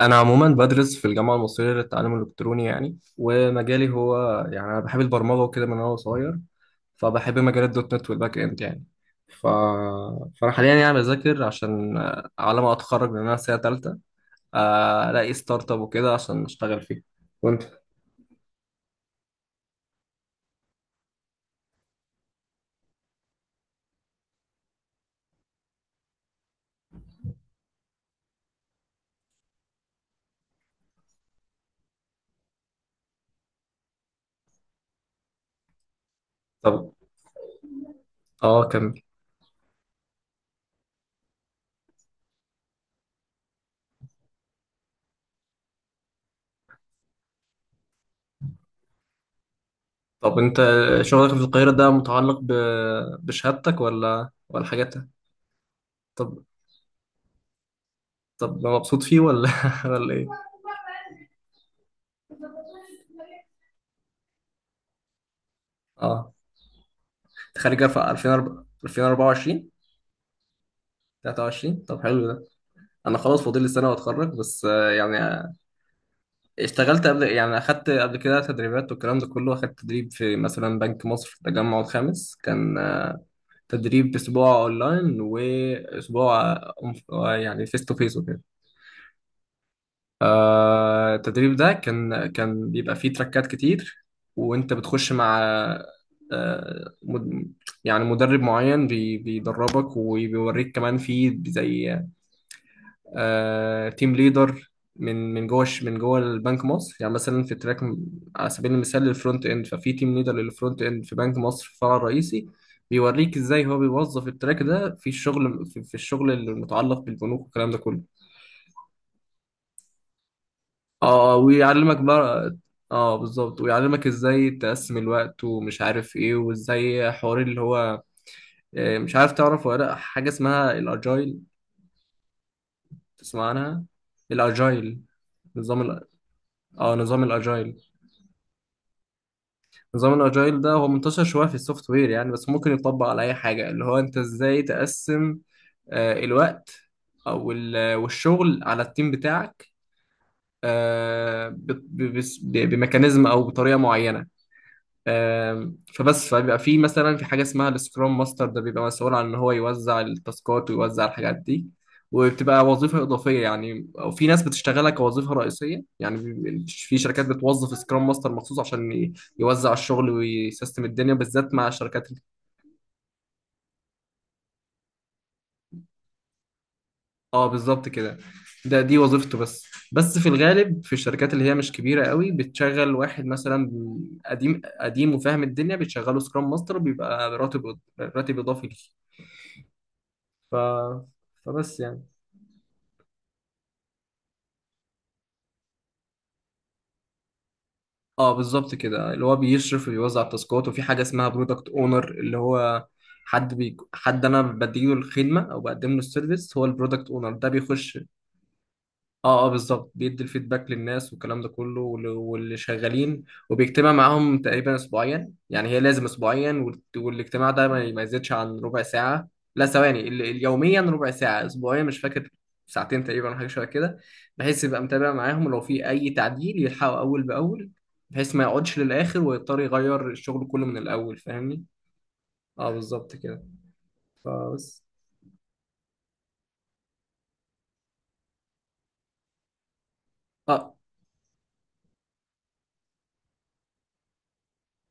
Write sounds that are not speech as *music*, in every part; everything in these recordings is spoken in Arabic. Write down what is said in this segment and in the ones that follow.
أنا عموما بدرس في الجامعة المصرية للتعليم الإلكتروني، يعني ومجالي هو يعني أنا بحب البرمجة وكده من وأنا صغير. فبحب مجال الدوت نت والباك إند، يعني ف... فأنا حاليا يعني بذاكر عشان على ما أتخرج أنا سنة تالتة. ألاقي ستارت أب وكده عشان أشتغل فيه. وأنت؟ طب كمل. طب أنت شغلك في القاهرة ده متعلق بشهادتك ولا حاجاتك؟ طب طب مبسوط فيه ولا *laughs* ولا إيه؟ أه، أنت خارج في 2024؟ 23؟ طب حلو ده. انا خلاص فاضل لي سنه واتخرج، بس يعني اشتغلت قبل، يعني اخدت قبل كده تدريبات والكلام ده كله. اخدت تدريب في مثلا بنك مصر في التجمع الخامس، كان تدريب اسبوع اونلاين واسبوع يعني فيس تو فيس وكده. التدريب ده كان بيبقى فيه تراكات كتير. وانت بتخش مع آه، مد- يعني مدرب معين بيدربك وبيوريك كمان، في زي تيم ليدر من جوه من جوه البنك مصر، يعني مثلا في تراك على سبيل المثال للفرونت اند. ففي تيم ليدر للفرونت اند في بنك مصر في الفرع الرئيسي، بيوريك ازاي هو بيوظف التراك ده في الشغل، في الشغل المتعلق بالبنوك والكلام ده كله. اه، ويعلمك بقى. اه بالظبط، ويعلمك ازاي تقسم الوقت ومش عارف ايه، وازاي حوار اللي هو مش عارف تعرف ولا لأ، حاجة اسمها الاجايل؟ تسمع عنها؟ الاجايل. نظام ال- اه، نظام الاجايل. نظام الاجايل ده هو منتشر شويه في السوفت وير يعني، بس ممكن يطبق على اي حاجه. اللي هو انت ازاي تقسم الوقت والشغل على التيم بتاعك، آه، ب- بميكانيزم او بطريقه معينه. فبس، فبيبقى في مثلا في حاجه اسمها السكرام ماستر. ده بيبقى مسؤول عن ان هو يوزع التاسكات ويوزع الحاجات دي. وبتبقى وظيفه اضافيه يعني، او في ناس بتشتغلها كوظيفه رئيسيه، يعني في شركات بتوظف سكرام ماستر مخصوص عشان يوزع الشغل ويسيستم الدنيا، بالذات مع الشركات اه بالظبط كده. ده دي وظيفته بس. بس في الغالب، في الشركات اللي هي مش كبيره قوي، بتشغل واحد مثلا قديم قديم وفاهم الدنيا، بتشغله سكرام ماستر، بيبقى راتب اضافي ليه. ف... فبس يعني. اه بالظبط كده، اللي هو بيشرف وبيوزع التاسكات. وفي حاجه اسمها برودكت اونر، اللي هو حد انا بديله الخدمه او بقدم له السيرفيس. هو البرودكت اونر ده بيخش. اه اه بالظبط، بيدي الفيدباك للناس والكلام ده كله. واللي شغالين، وبيجتمع معاهم تقريبا اسبوعيا، يعني هي لازم اسبوعيا. والاجتماع ده ما يزيدش عن ربع ساعة. لا، ثواني، يوميا ربع ساعة، اسبوعيا مش فاكر، ساعتين تقريبا، حاجة شوية كده. بحيث يبقى متابع معاهم لو في اي تعديل يلحقه اول باول، بحيث ما يقعدش للاخر ويضطر يغير الشغل كله من الاول، فاهمني؟ اه بالظبط كده. فبس. اه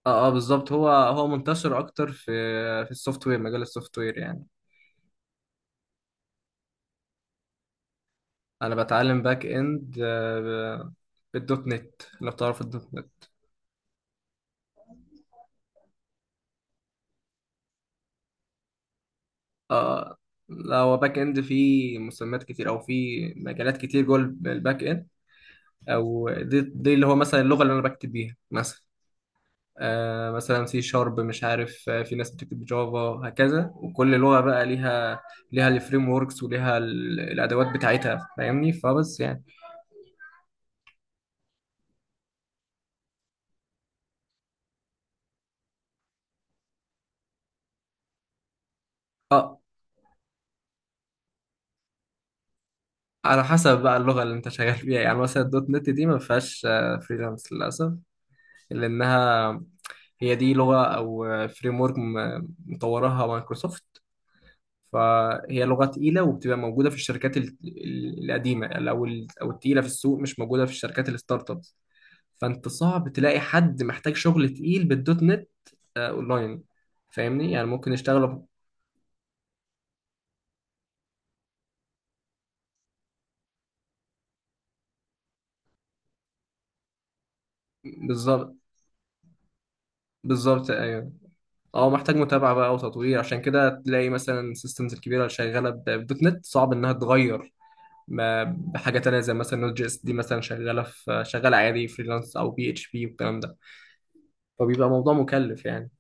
اه اه بالظبط. هو منتشر اكتر في السوفت وير، مجال السوفت وير يعني. انا بتعلم باك اند، بالدوت نت، لو تعرف الدوت نت. اه. لا، هو باك اند فيه مسميات كتير، او فيه مجالات كتير جوه الباك اند. او دي اللي هو مثلا اللغه اللي انا بكتب بيها، مثلا مثلا سي شارب، مش عارف، في ناس بتكتب جافا هكذا. وكل لغه بقى ليها الفريم وركس وليها الادوات بتاعتها، فاهمني. فبس يعني. اه، على حسب بقى اللغه اللي انت شغال فيها يعني. مثلا الدوت نت دي ما فيهاش فريلانس للاسف، لانها هي دي لغة أو فريم ورك مطورها مايكروسوفت. فهي لغة تقيلة، وبتبقى موجودة في الشركات القديمة أو أو التقيلة في السوق، مش موجودة في الشركات الستارت أبس. فأنت صعب تلاقي حد محتاج شغل تقيل بالدوت نت أونلاين، فاهمني. يعني ممكن يشتغلوا. بالظبط بالظبط أيوه. أه، محتاج متابعة بقى وتطوير، عشان كده تلاقي مثلا السيستمز الكبيرة اللي شغالة بالدوت نت صعب إنها تغير ما بحاجه تانية، زي مثلا نوت جي اس دي مثلا، شغاله في شغاله عادي فريلانس او بي اتش بي والكلام ده. فبيبقى موضوع مكلف يعني.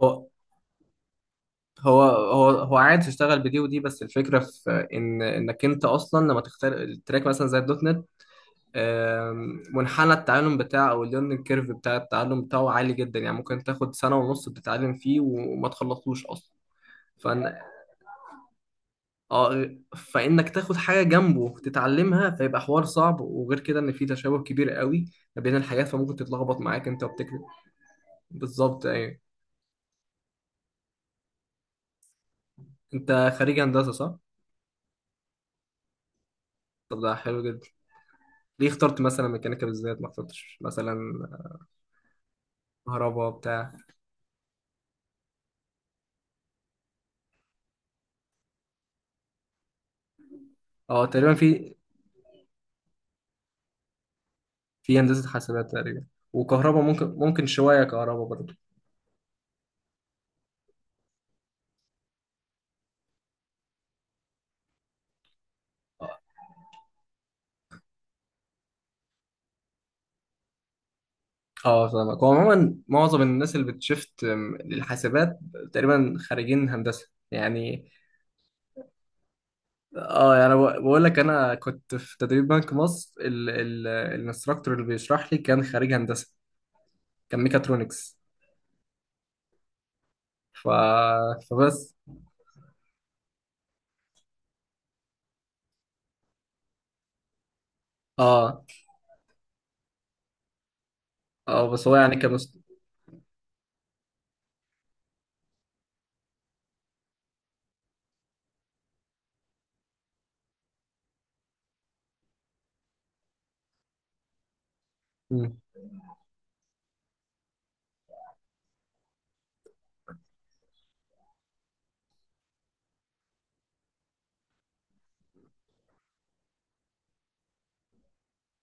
هو هو عادي تشتغل بدي ودي، بس الفكره في ان انك انت اصلا لما تختار التراك، مثلا زي الدوت نت، منحنى التعلم بتاعه او الليرنينج كيرف بتاع التعلم بتاعه عالي جدا. يعني ممكن تاخد سنه ونص بتتعلم فيه وما تخلصوش اصلا. اه، فانك تاخد حاجه جنبه تتعلمها فيبقى حوار صعب. وغير كده ان في تشابه كبير قوي ما بين الحاجات، فممكن تتلخبط معاك انت وبتكتب. بالظبط ايوه. انت خريج هندسه، صح؟ طب ده حلو جدا. ليه اخترت مثلا ميكانيكا بالذات، ما اخترتش مثلا كهرباء بتاع؟ اه، تقريبا في في هندسه حاسبات تقريبا، وكهرباء ممكن شويه كهرباء برضه. اه فاهمك. هو عموما معظم الناس اللي بتشفت للحاسبات تقريبا خارجين هندسه يعني. اه، يعني بقول لك، انا كنت في تدريب بنك مصر، ال ال الانستراكتور اللي بيشرح لي كان خريج هندسه، كان ميكاترونكس. ف فبس. اه اه، بس هو يعني كان مم.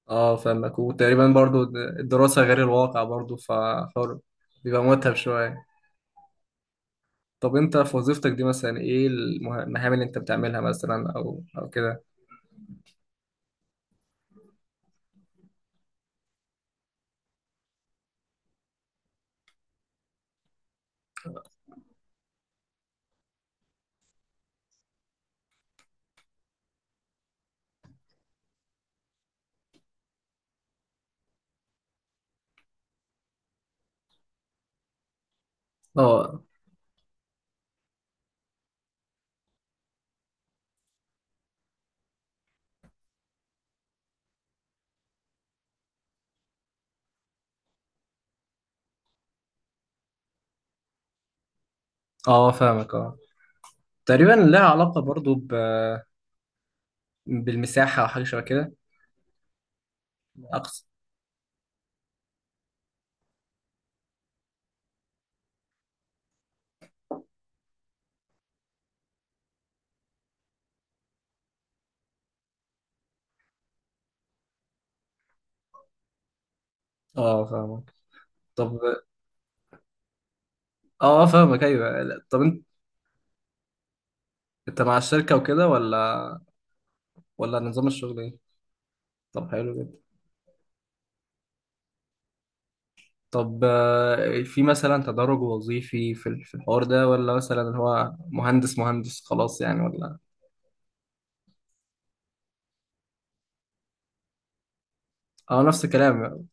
اه، فاهمك. وتقريبا برضو الدراسه غير الواقع برضو، فهو بيبقى متعب شويه. طب انت في وظيفتك دي مثلا، ايه المهام اللي انت بتعملها مثلا، او كده؟ اه اه فاهمك اه. تقريبا لها علاقه برضو بالمساحه او حاجه شبه كده. اقصى، اه فاهمك. طب. اه فاهمك، ايوه. لا، طب انت مع الشركه وكده، ولا نظام الشغل ايه؟ طب حلو جدا. طب في مثلا تدرج وظيفي في في الحوار ده، ولا مثلا هو مهندس مهندس خلاص يعني، ولا؟ اه، نفس الكلام.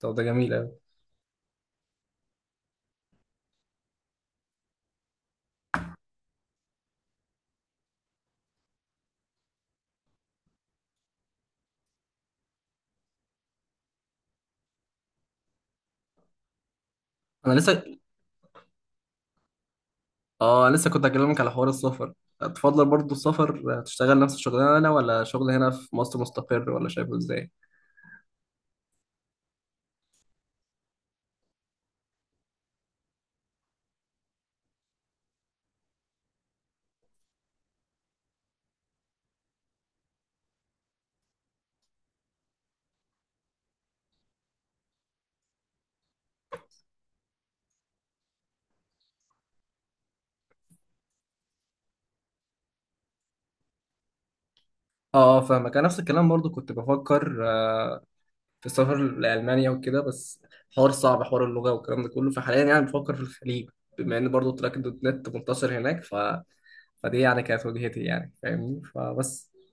طب ده جميل اوي. انا لسه اه لسه كنت اكلمك على حوار السفر. تفضل. برضو السفر، تشتغل نفس الشغلانه هنا، ولا شغل هنا في مصر مستقر، ولا شايفه ازاي؟ اه فاهمك. انا نفس الكلام، برضو كنت بفكر في السفر لألمانيا وكده، بس حوار صعب، حوار اللغة والكلام ده كله. فحاليا يعني بفكر في الخليج، بما إن برضه تراك دوت نت منتشر هناك. فدي يعني كانت وجهتي، يعني فاهمني فبس.